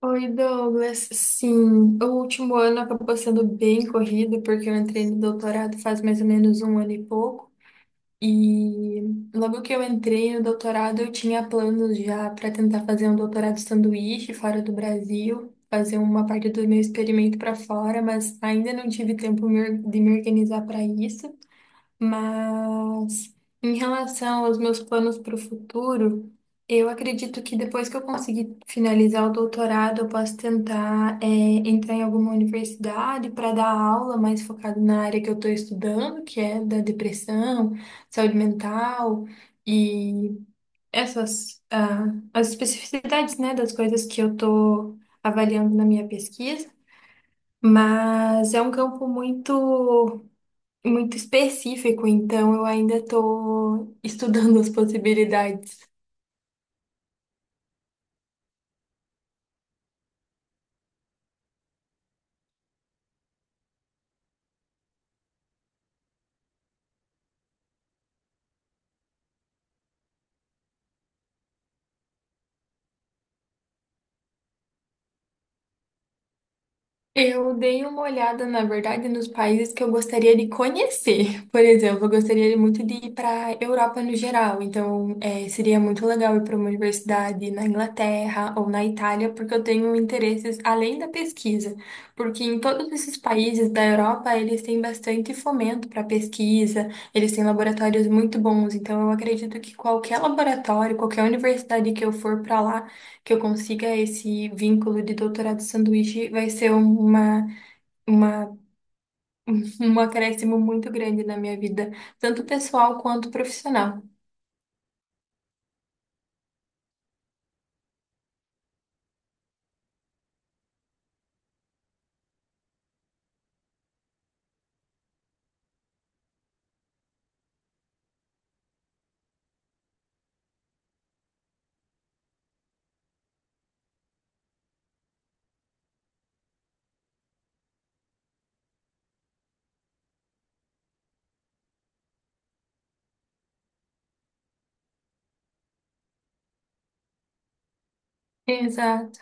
Oi, Douglas. Sim, o último ano acabou sendo bem corrido, porque eu entrei no doutorado faz mais ou menos um ano e pouco. E logo que eu entrei no doutorado, eu tinha planos já para tentar fazer um doutorado sanduíche fora do Brasil, fazer uma parte do meu experimento para fora, mas ainda não tive tempo de me organizar para isso. Mas em relação aos meus planos para o futuro, eu acredito que depois que eu conseguir finalizar o doutorado, eu posso tentar, entrar em alguma universidade para dar aula mais focada na área que eu estou estudando, que é da depressão, saúde mental e essas, ah, as especificidades, né, das coisas que eu estou avaliando na minha pesquisa. Mas é um campo muito específico, então eu ainda estou estudando as possibilidades. Eu dei uma olhada, na verdade, nos países que eu gostaria de conhecer. Por exemplo, eu gostaria muito de ir para Europa no geral. Então, seria muito legal ir para uma universidade na Inglaterra ou na Itália, porque eu tenho interesses além da pesquisa. Porque em todos esses países da Europa, eles têm bastante fomento para pesquisa, eles têm laboratórios muito bons. Então, eu acredito que qualquer laboratório, qualquer universidade que eu for para lá, que eu consiga esse vínculo de doutorado sanduíche vai ser uma, um acréscimo muito grande na minha vida, tanto pessoal quanto profissional. Exato.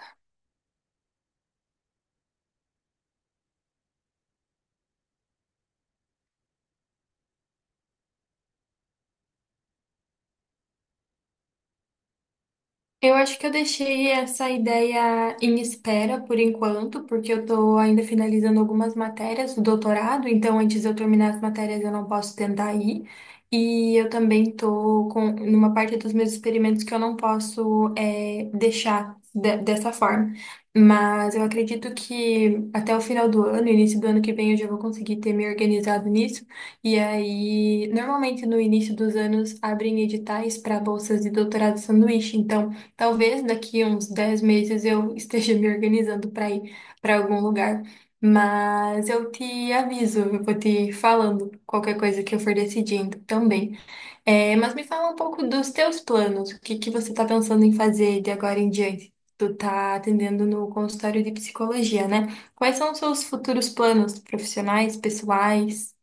Eu acho que eu deixei essa ideia em espera por enquanto, porque eu estou ainda finalizando algumas matérias do doutorado, então antes de eu terminar as matérias eu não posso tentar ir. E eu também estou com numa parte dos meus experimentos que eu não posso deixar dessa forma. Mas eu acredito que até o final do ano, início do ano que vem, eu já vou conseguir ter me organizado nisso. E aí, normalmente no início dos anos abrem editais para bolsas de doutorado sanduíche. Então talvez daqui uns 10 meses eu esteja me organizando para ir para algum lugar, mas eu te aviso, eu vou te falando qualquer coisa que eu for decidindo também. É, mas me fala um pouco dos teus planos, o que que você está pensando em fazer de agora em diante? Tu tá atendendo no consultório de psicologia, né? Quais são os seus futuros planos profissionais, pessoais?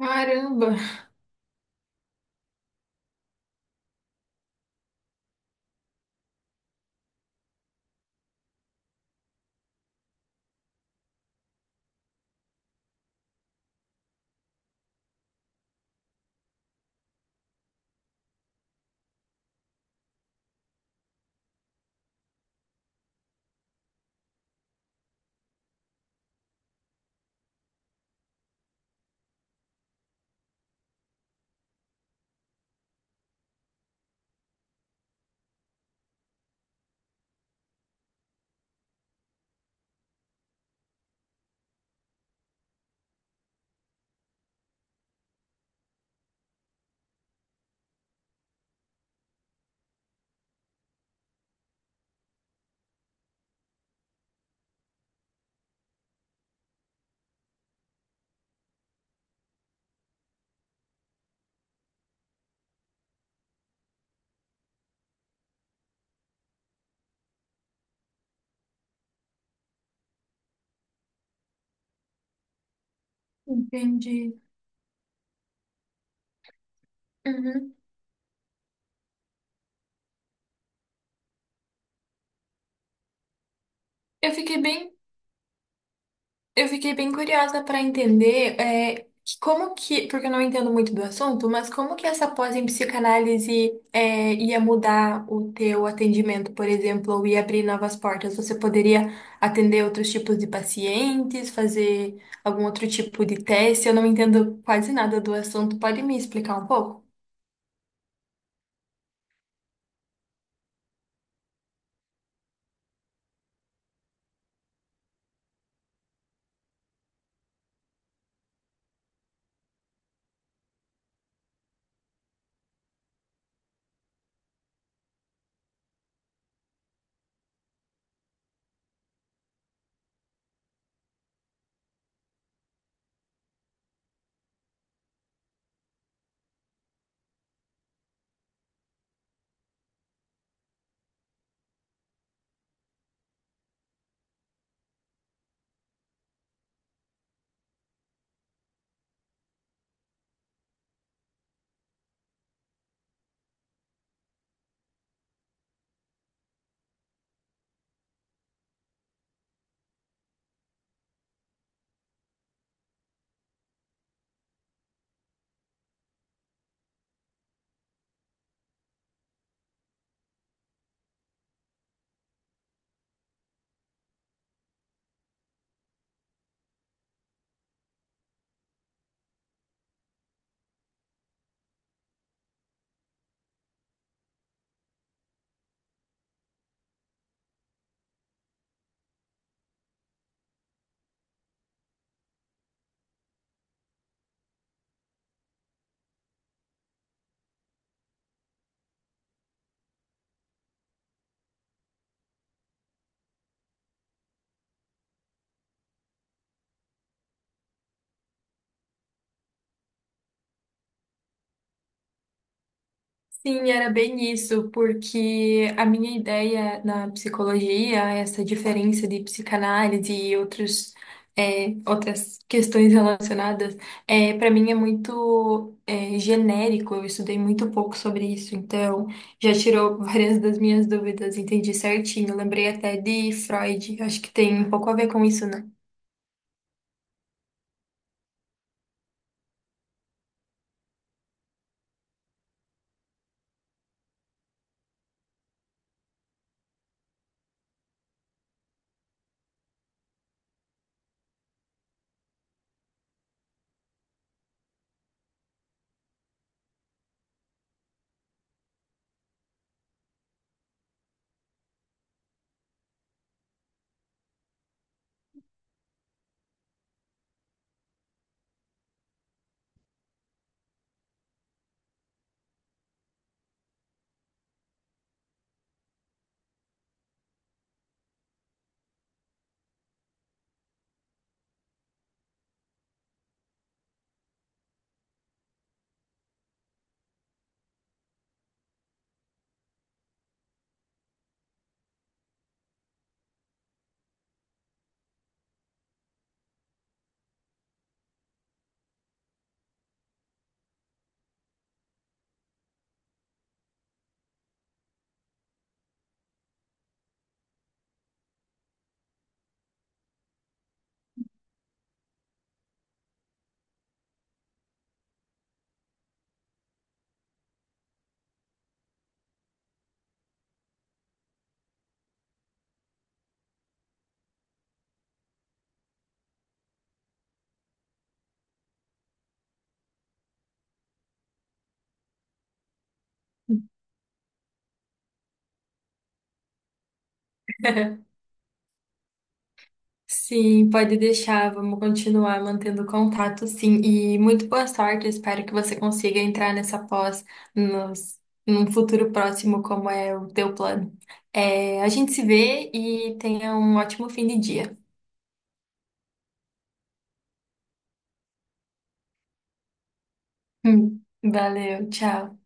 Caramba, entendi. Uhum. Eu fiquei bem Eu fiquei bem curiosa para entender que como que, porque eu não entendo muito do assunto, mas como que essa pós em psicanálise ia mudar o teu atendimento, por exemplo, ou ia abrir novas portas? Você poderia atender outros tipos de pacientes, fazer algum outro tipo de teste? Eu não entendo quase nada do assunto. Pode me explicar um pouco? Sim, era bem isso, porque a minha ideia na psicologia, essa diferença de psicanálise e outros, outras questões relacionadas, para mim é muito, genérico, eu estudei muito pouco sobre isso, então já tirou várias das minhas dúvidas, entendi certinho, lembrei até de Freud, acho que tem um pouco a ver com isso, né? Sim, pode deixar. Vamos continuar mantendo contato, sim. E muito boa sorte. Eu Espero que você consiga entrar nessa nos, num futuro próximo, como é o teu plano. É, a gente se vê e tenha um ótimo fim de dia. Valeu, tchau.